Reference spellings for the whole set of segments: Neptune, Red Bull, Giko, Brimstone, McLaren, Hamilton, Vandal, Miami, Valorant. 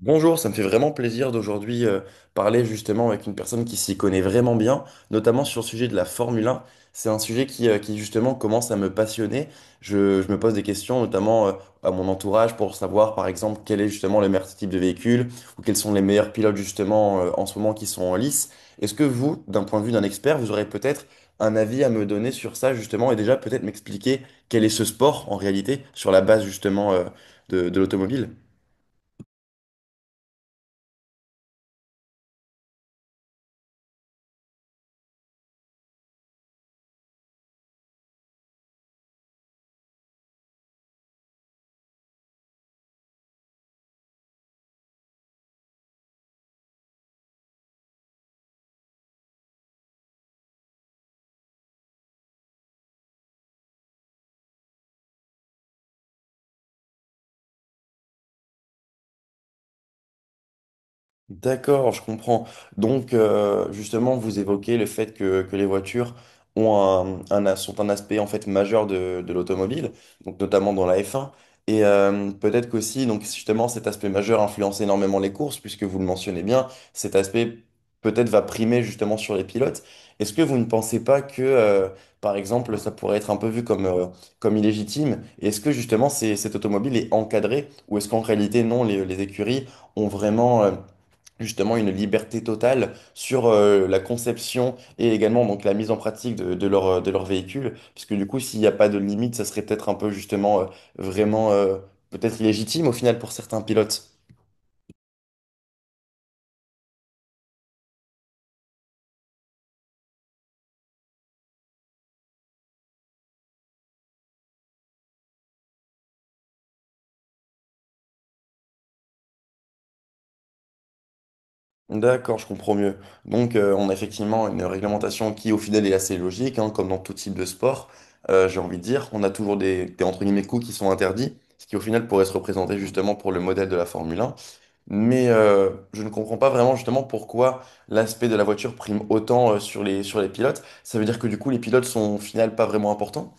Bonjour, ça me fait vraiment plaisir d'aujourd'hui parler justement avec une personne qui s'y connaît vraiment bien, notamment sur le sujet de la Formule 1. C'est un sujet qui justement commence à me passionner. Je me pose des questions, notamment à mon entourage, pour savoir par exemple quel est justement le meilleur type de véhicule ou quels sont les meilleurs pilotes justement en ce moment qui sont en lice. Est-ce que vous, d'un point de vue d'un expert, vous aurez peut-être un avis à me donner sur ça justement et déjà peut-être m'expliquer quel est ce sport en réalité sur la base justement de l'automobile? D'accord, je comprends. Donc, justement, vous évoquez le fait que les voitures ont sont un aspect en fait majeur de l'automobile, donc notamment dans la F1. Et peut-être qu'aussi, donc justement, cet aspect majeur influence énormément les courses, puisque vous le mentionnez bien, cet aspect peut-être va primer justement sur les pilotes. Est-ce que vous ne pensez pas que par exemple, ça pourrait être un peu vu comme illégitime? Est-ce que justement, cette automobile est encadrée, ou est-ce qu'en réalité, non, les écuries ont vraiment justement une liberté totale sur la conception et également donc la mise en pratique de de leur véhicule. Parce que du coup, s'il n'y a pas de limite, ça serait peut-être un peu justement vraiment peut-être illégitime au final pour certains pilotes. D'accord, je comprends mieux. Donc, on a effectivement une réglementation qui, au final, est assez logique, hein, comme dans tout type de sport. J'ai envie de dire, on a toujours des entre guillemets coups qui sont interdits, ce qui, au final, pourrait se représenter justement pour le modèle de la Formule 1. Mais je ne comprends pas vraiment justement pourquoi l'aspect de la voiture prime autant sur sur les pilotes. Ça veut dire que du coup, les pilotes sont au final pas vraiment importants?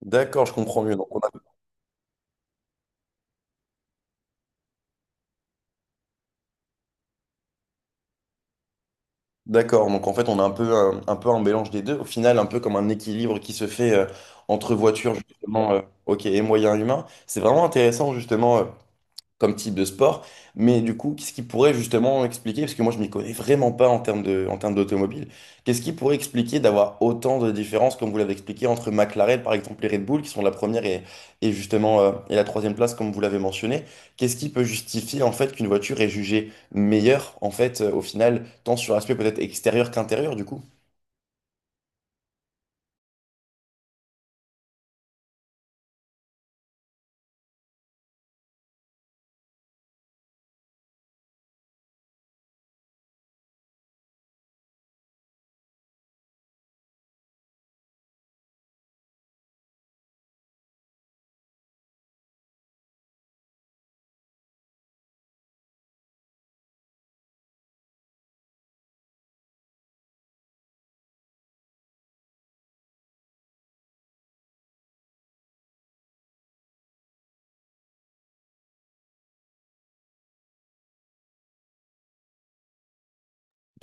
D'accord, je comprends mieux. Donc, on a- D'accord, donc en fait, on a un peu un mélange des deux. Au final, un peu comme un équilibre qui se fait entre voitures justement, ok, et moyens humains. C'est vraiment intéressant justement. Comme type de sport. Mais du coup, qu'est-ce qui pourrait justement expliquer, parce que moi je m'y connais vraiment pas en termes en termes d'automobile, qu'est-ce qui pourrait expliquer d'avoir autant de différences, comme vous l'avez expliqué, entre McLaren par exemple et Red Bull, qui sont la première et la troisième place, comme vous l'avez mentionné, qu'est-ce qui peut justifier en fait qu'une voiture est jugée meilleure en fait au final, tant sur l'aspect peut-être extérieur qu'intérieur du coup?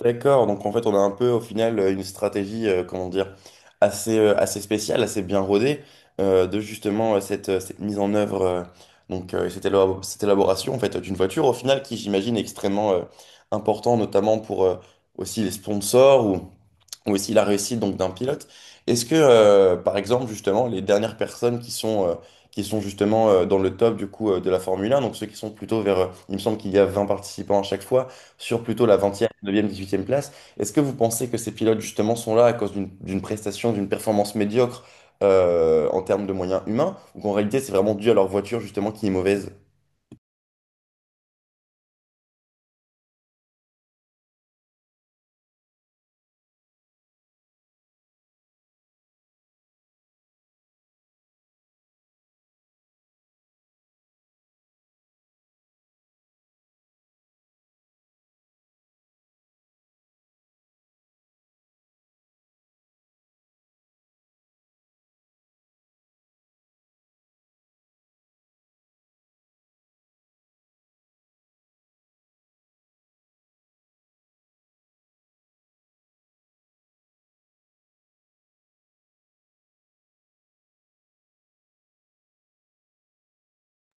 D'accord, donc en fait on a un peu au final une stratégie, comment dire, assez spéciale, assez bien rodée de justement cette mise en œuvre, donc cette élaboration en fait d'une voiture au final qui j'imagine est extrêmement important notamment pour aussi les sponsors ou aussi la réussite donc d'un pilote. Est-ce que, par exemple, justement, les dernières personnes qui sont, qui sont justement dans le top du coup de la Formule 1, donc ceux qui sont plutôt il me semble qu'il y a 20 participants à chaque fois, sur plutôt la 20e, 9e, 18e place, est-ce que vous pensez que ces pilotes justement sont là à cause d'une prestation, d'une performance médiocre en termes de moyens humains, ou qu'en réalité c'est vraiment dû à leur voiture justement qui est mauvaise?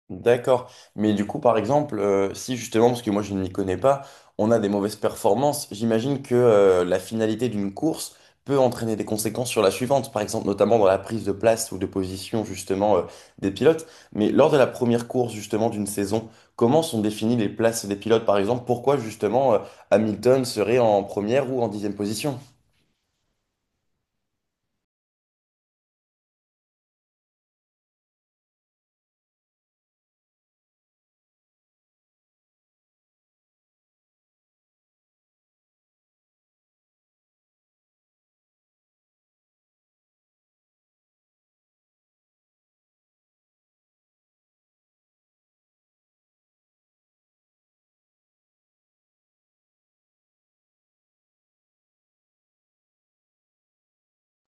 D'accord. Mais du coup, par exemple, si justement, parce que moi je n'y connais pas, on a des mauvaises performances, j'imagine que la finalité d'une course peut entraîner des conséquences sur la suivante, par exemple notamment dans la prise de place ou de position justement des pilotes. Mais lors de la première course justement d'une saison, comment sont définies les places des pilotes, par exemple, pourquoi justement Hamilton serait en première ou en 10e position?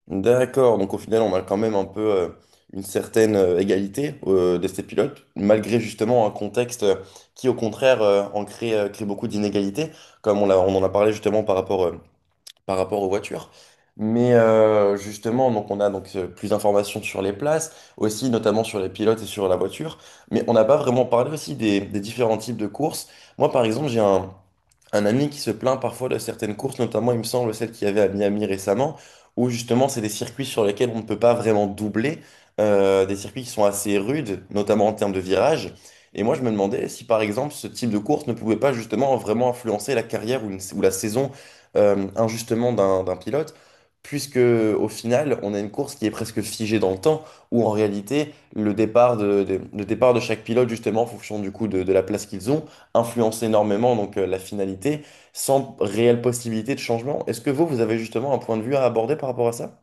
D'accord, donc au final, on a quand même un peu une certaine égalité de ces pilotes, malgré justement un contexte qui, au contraire, crée beaucoup d'inégalités, comme on en a parlé justement par rapport aux voitures. Mais justement, donc on a donc plus d'informations sur les places, aussi notamment sur les pilotes et sur la voiture. Mais on n'a pas vraiment parlé aussi des différents types de courses. Moi, par exemple, un ami qui se plaint parfois de certaines courses, notamment, il me semble, celle qu'il y avait à Miami récemment, où justement, c'est des circuits sur lesquels on ne peut pas vraiment doubler, des circuits qui sont assez rudes, notamment en termes de virages. Et moi, je me demandais si, par exemple, ce type de course ne pouvait pas justement vraiment influencer la carrière ou la saison injustement d'un pilote, puisque au final, on a une course qui est presque figée dans le temps, où en réalité, le départ le départ de chaque pilote, justement, en fonction du coup de la place qu'ils ont, influence énormément donc la finalité, sans réelle possibilité de changement. Est-ce que vous, vous avez justement un point de vue à aborder par rapport à ça?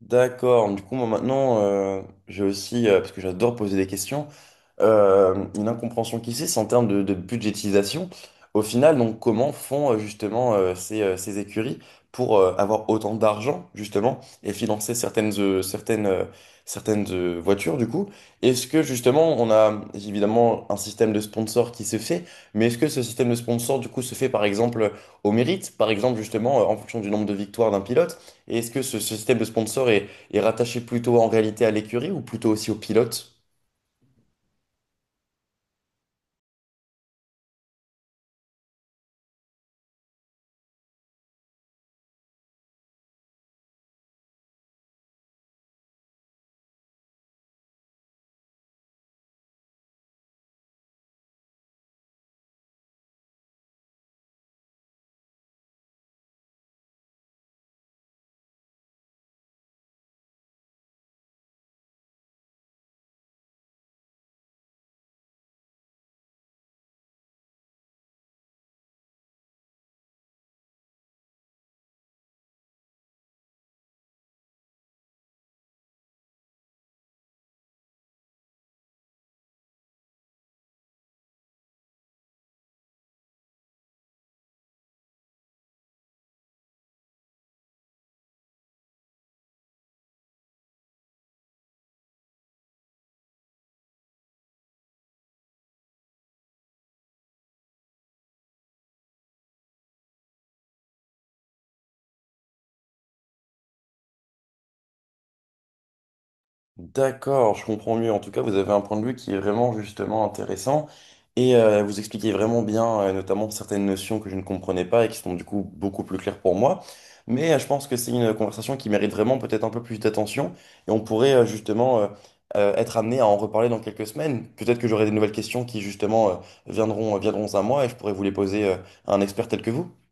D'accord, du coup, moi maintenant, j'ai aussi, parce que j'adore poser des questions, une incompréhension qui c'est en termes de budgétisation. Au final, donc, comment font justement ces écuries pour avoir autant d'argent justement et financer certaines voitures du coup? Est-ce que justement on a évidemment un système de sponsor qui se fait, mais est-ce que ce système de sponsor du coup se fait par exemple au mérite, par exemple justement en fonction du nombre de victoires d'un pilote? Et est-ce que ce système de sponsor est rattaché plutôt en réalité à l'écurie ou plutôt aussi au pilote? D'accord, je comprends mieux. En tout cas, vous avez un point de vue qui est vraiment justement intéressant et vous expliquez vraiment bien, notamment certaines notions que je ne comprenais pas et qui sont du coup beaucoup plus claires pour moi. Mais je pense que c'est une conversation qui mérite vraiment peut-être un peu plus d'attention et on pourrait justement être amené à en reparler dans quelques semaines. Peut-être que j'aurai des nouvelles questions qui justement viendront à moi et je pourrais vous les poser à un expert tel que vous.